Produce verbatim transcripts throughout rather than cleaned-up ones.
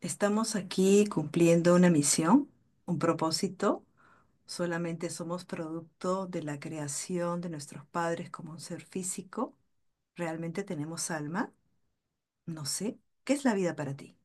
Estamos aquí cumpliendo una misión, un propósito. Solamente somos producto de la creación de nuestros padres como un ser físico. ¿Realmente tenemos alma? No sé. ¿Qué es la vida para ti?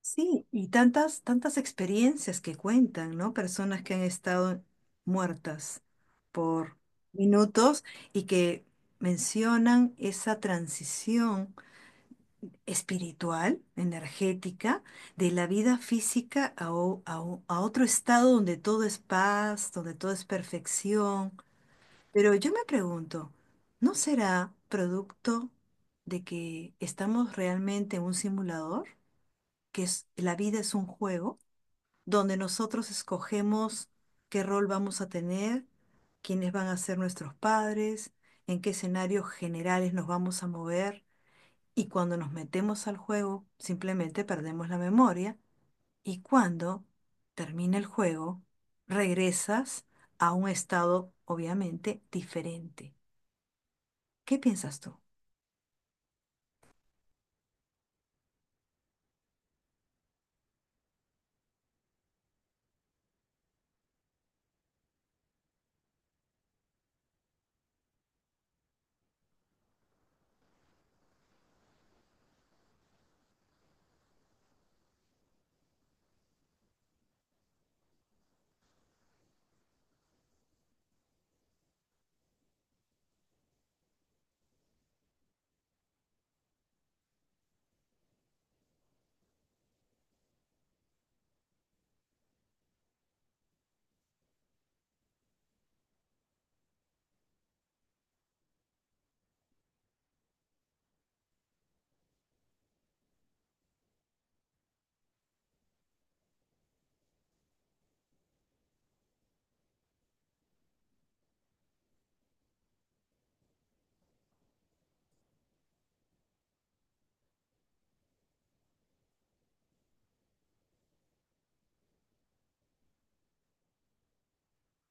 Sí, y tantas, tantas experiencias que cuentan, ¿no? Personas que han estado muertas por minutos y que mencionan esa transición espiritual, energética, de la vida física a, o- a o- a otro estado donde todo es paz, donde todo es perfección. Pero yo me pregunto, ¿no será producto de que estamos realmente en un simulador? Que es, la vida es un juego donde nosotros escogemos qué rol vamos a tener, quiénes van a ser nuestros padres, en qué escenarios generales nos vamos a mover. Y cuando nos metemos al juego, simplemente perdemos la memoria. Y cuando termina el juego, regresas a un estado, obviamente, diferente. ¿Qué piensas tú?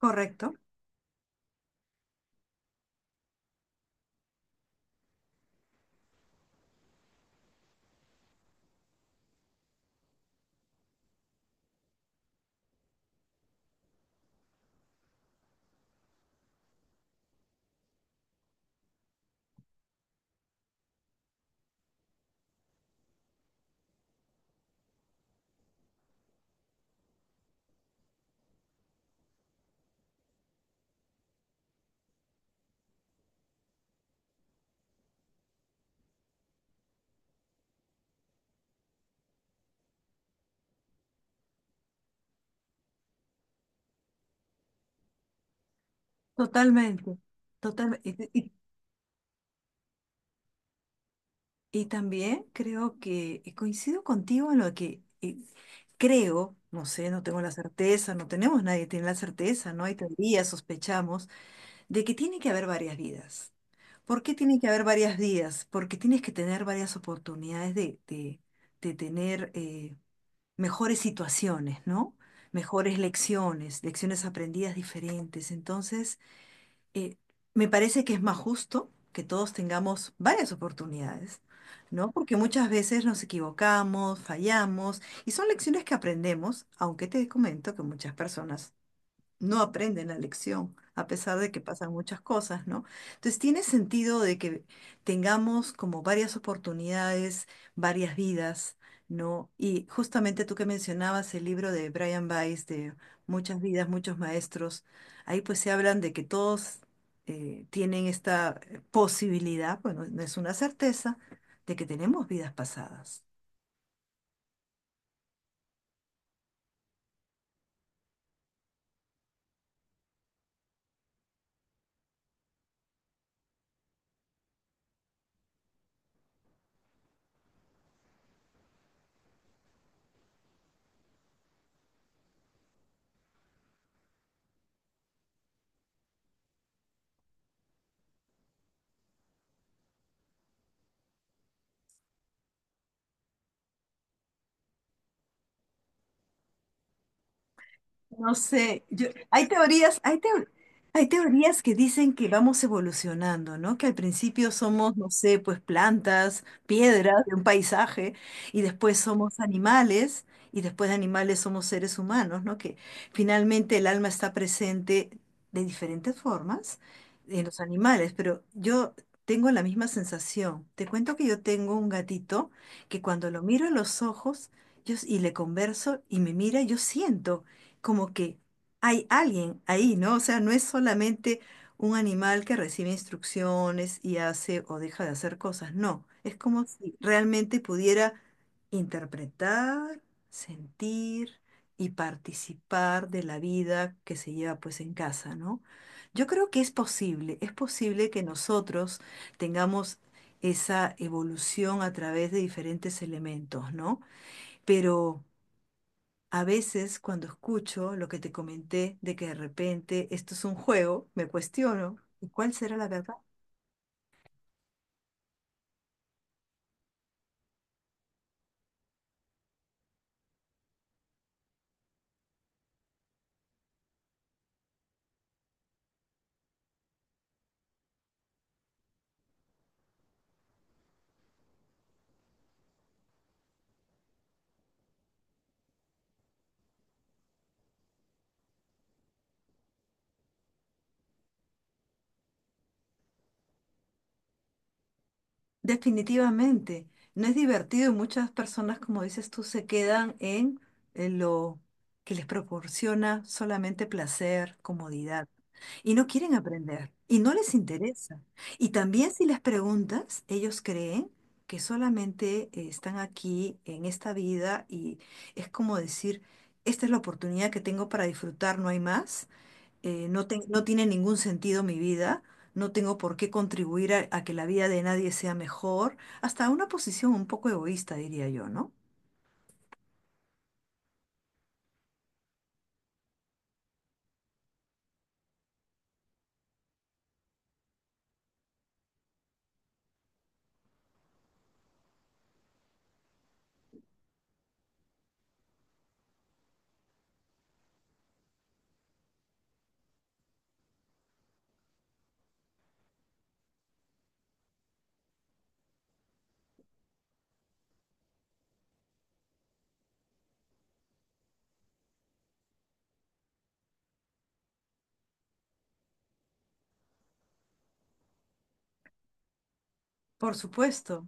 ¿Correcto? Totalmente. Total, y, y- y también creo que y coincido contigo en lo que y creo, no sé, no tengo la certeza, no tenemos nadie tiene la certeza, ¿no? Hay teorías, sospechamos de que tiene que haber varias vidas. ¿Por qué tiene que haber varias vidas? Porque tienes que tener varias oportunidades de, de- de tener eh, mejores situaciones, ¿no? Mejores lecciones, lecciones aprendidas diferentes. Entonces, eh, me parece que es más justo que todos tengamos varias oportunidades, ¿no? Porque muchas veces nos equivocamos, fallamos, y son lecciones que aprendemos, aunque te comento que muchas personas no aprenden la lección, a pesar de que pasan muchas cosas, ¿no? Entonces, tiene sentido de que tengamos como varias oportunidades, varias vidas, ¿no? Y justamente tú que mencionabas el libro de Brian Weiss, de Muchas vidas, muchos maestros, ahí pues se hablan de que todos eh, tienen esta eh, posibilidad, bueno, no es una certeza, de que tenemos vidas pasadas. No sé, yo, hay teorías, hay teo- hay teorías que dicen que vamos evolucionando, ¿no? Que al principio somos, no sé, pues plantas, piedras de un paisaje, y después somos animales, y después de animales somos seres humanos, ¿no? Que finalmente el alma está presente de diferentes formas en los animales, pero yo tengo la misma sensación. Te cuento que yo tengo un gatito que cuando lo miro a los ojos yo- y le converso y me mira, yo siento como que hay alguien ahí, ¿no? O sea, no es solamente un animal que recibe instrucciones y hace o deja de hacer cosas, no, es como si realmente pudiera interpretar, sentir y participar de la vida que se lleva pues en casa, ¿no? Yo creo que es posible, es posible que nosotros tengamos esa evolución a través de diferentes elementos, ¿no? Pero... A veces cuando escucho lo que te comenté de que de repente esto es un juego, me cuestiono, ¿y cuál será la verdad? Definitivamente, no es divertido y muchas personas, como dices tú, se quedan en, en lo que les proporciona solamente placer, comodidad, y no quieren aprender, y no les interesa. Y también si les preguntas, ellos creen que solamente eh, están aquí en esta vida y es como decir, esta es la oportunidad que tengo para disfrutar, no hay más eh, no, te- no tiene ningún sentido mi vida, no tengo por qué contribuir a, a que la vida de nadie sea mejor, hasta una posición un poco egoísta, diría yo, ¿no? Por supuesto.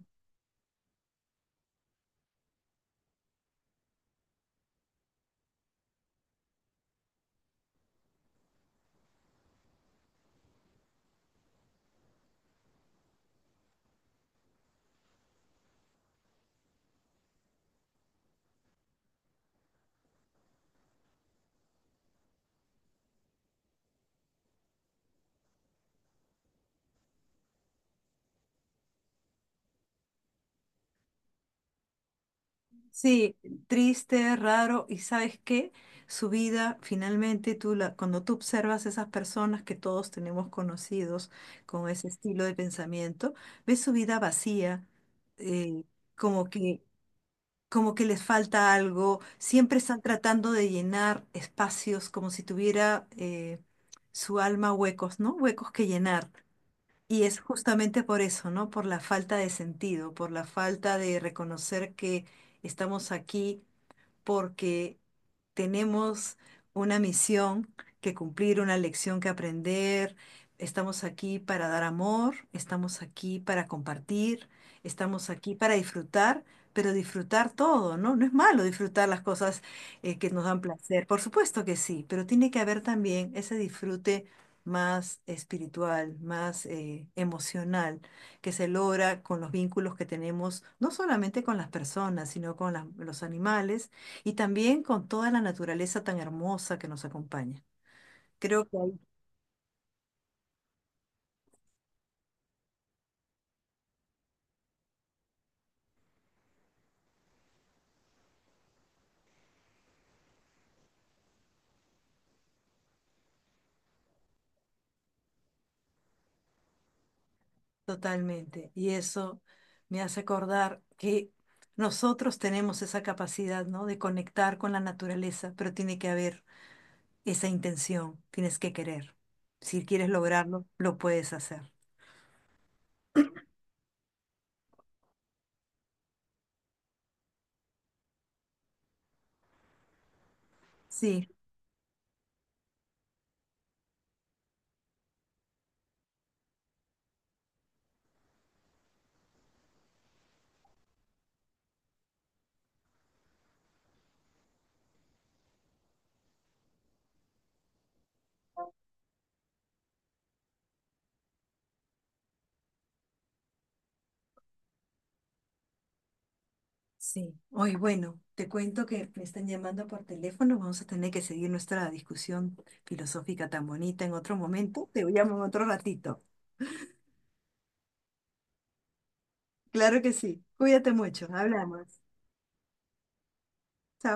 Sí, triste, raro, y ¿sabes qué? Su vida, finalmente, tú la, cuando tú observas esas personas que todos tenemos conocidos con ese estilo de pensamiento, ves su vida vacía, eh, como que como que les falta algo, siempre están tratando de llenar espacios como si tuviera eh, su alma huecos, ¿no? Huecos que llenar. Y es justamente por eso, ¿no? Por la falta de sentido, por la falta de reconocer que estamos aquí porque tenemos una misión que cumplir, una lección que aprender. Estamos aquí para dar amor, estamos aquí para compartir, estamos aquí para disfrutar, pero disfrutar todo, ¿no? No es malo disfrutar las cosas eh, que nos dan placer, por supuesto que sí, pero tiene que haber también ese disfrute más espiritual, más eh, emocional, que se logra con los vínculos que tenemos, no solamente con las personas, sino con las- los animales y también con toda la naturaleza tan hermosa que nos acompaña. Creo que ahí totalmente. Y eso me hace acordar que nosotros tenemos esa capacidad, ¿no? De conectar con la naturaleza, pero tiene que haber esa intención, tienes que querer. Si quieres lograrlo, lo puedes hacer. Sí, sí. Hoy, bueno, te cuento que me están llamando por teléfono. Vamos a tener que seguir nuestra discusión filosófica tan bonita en otro momento. Te llamo en otro ratito. Claro que sí. Cuídate mucho. Hablamos. Chao.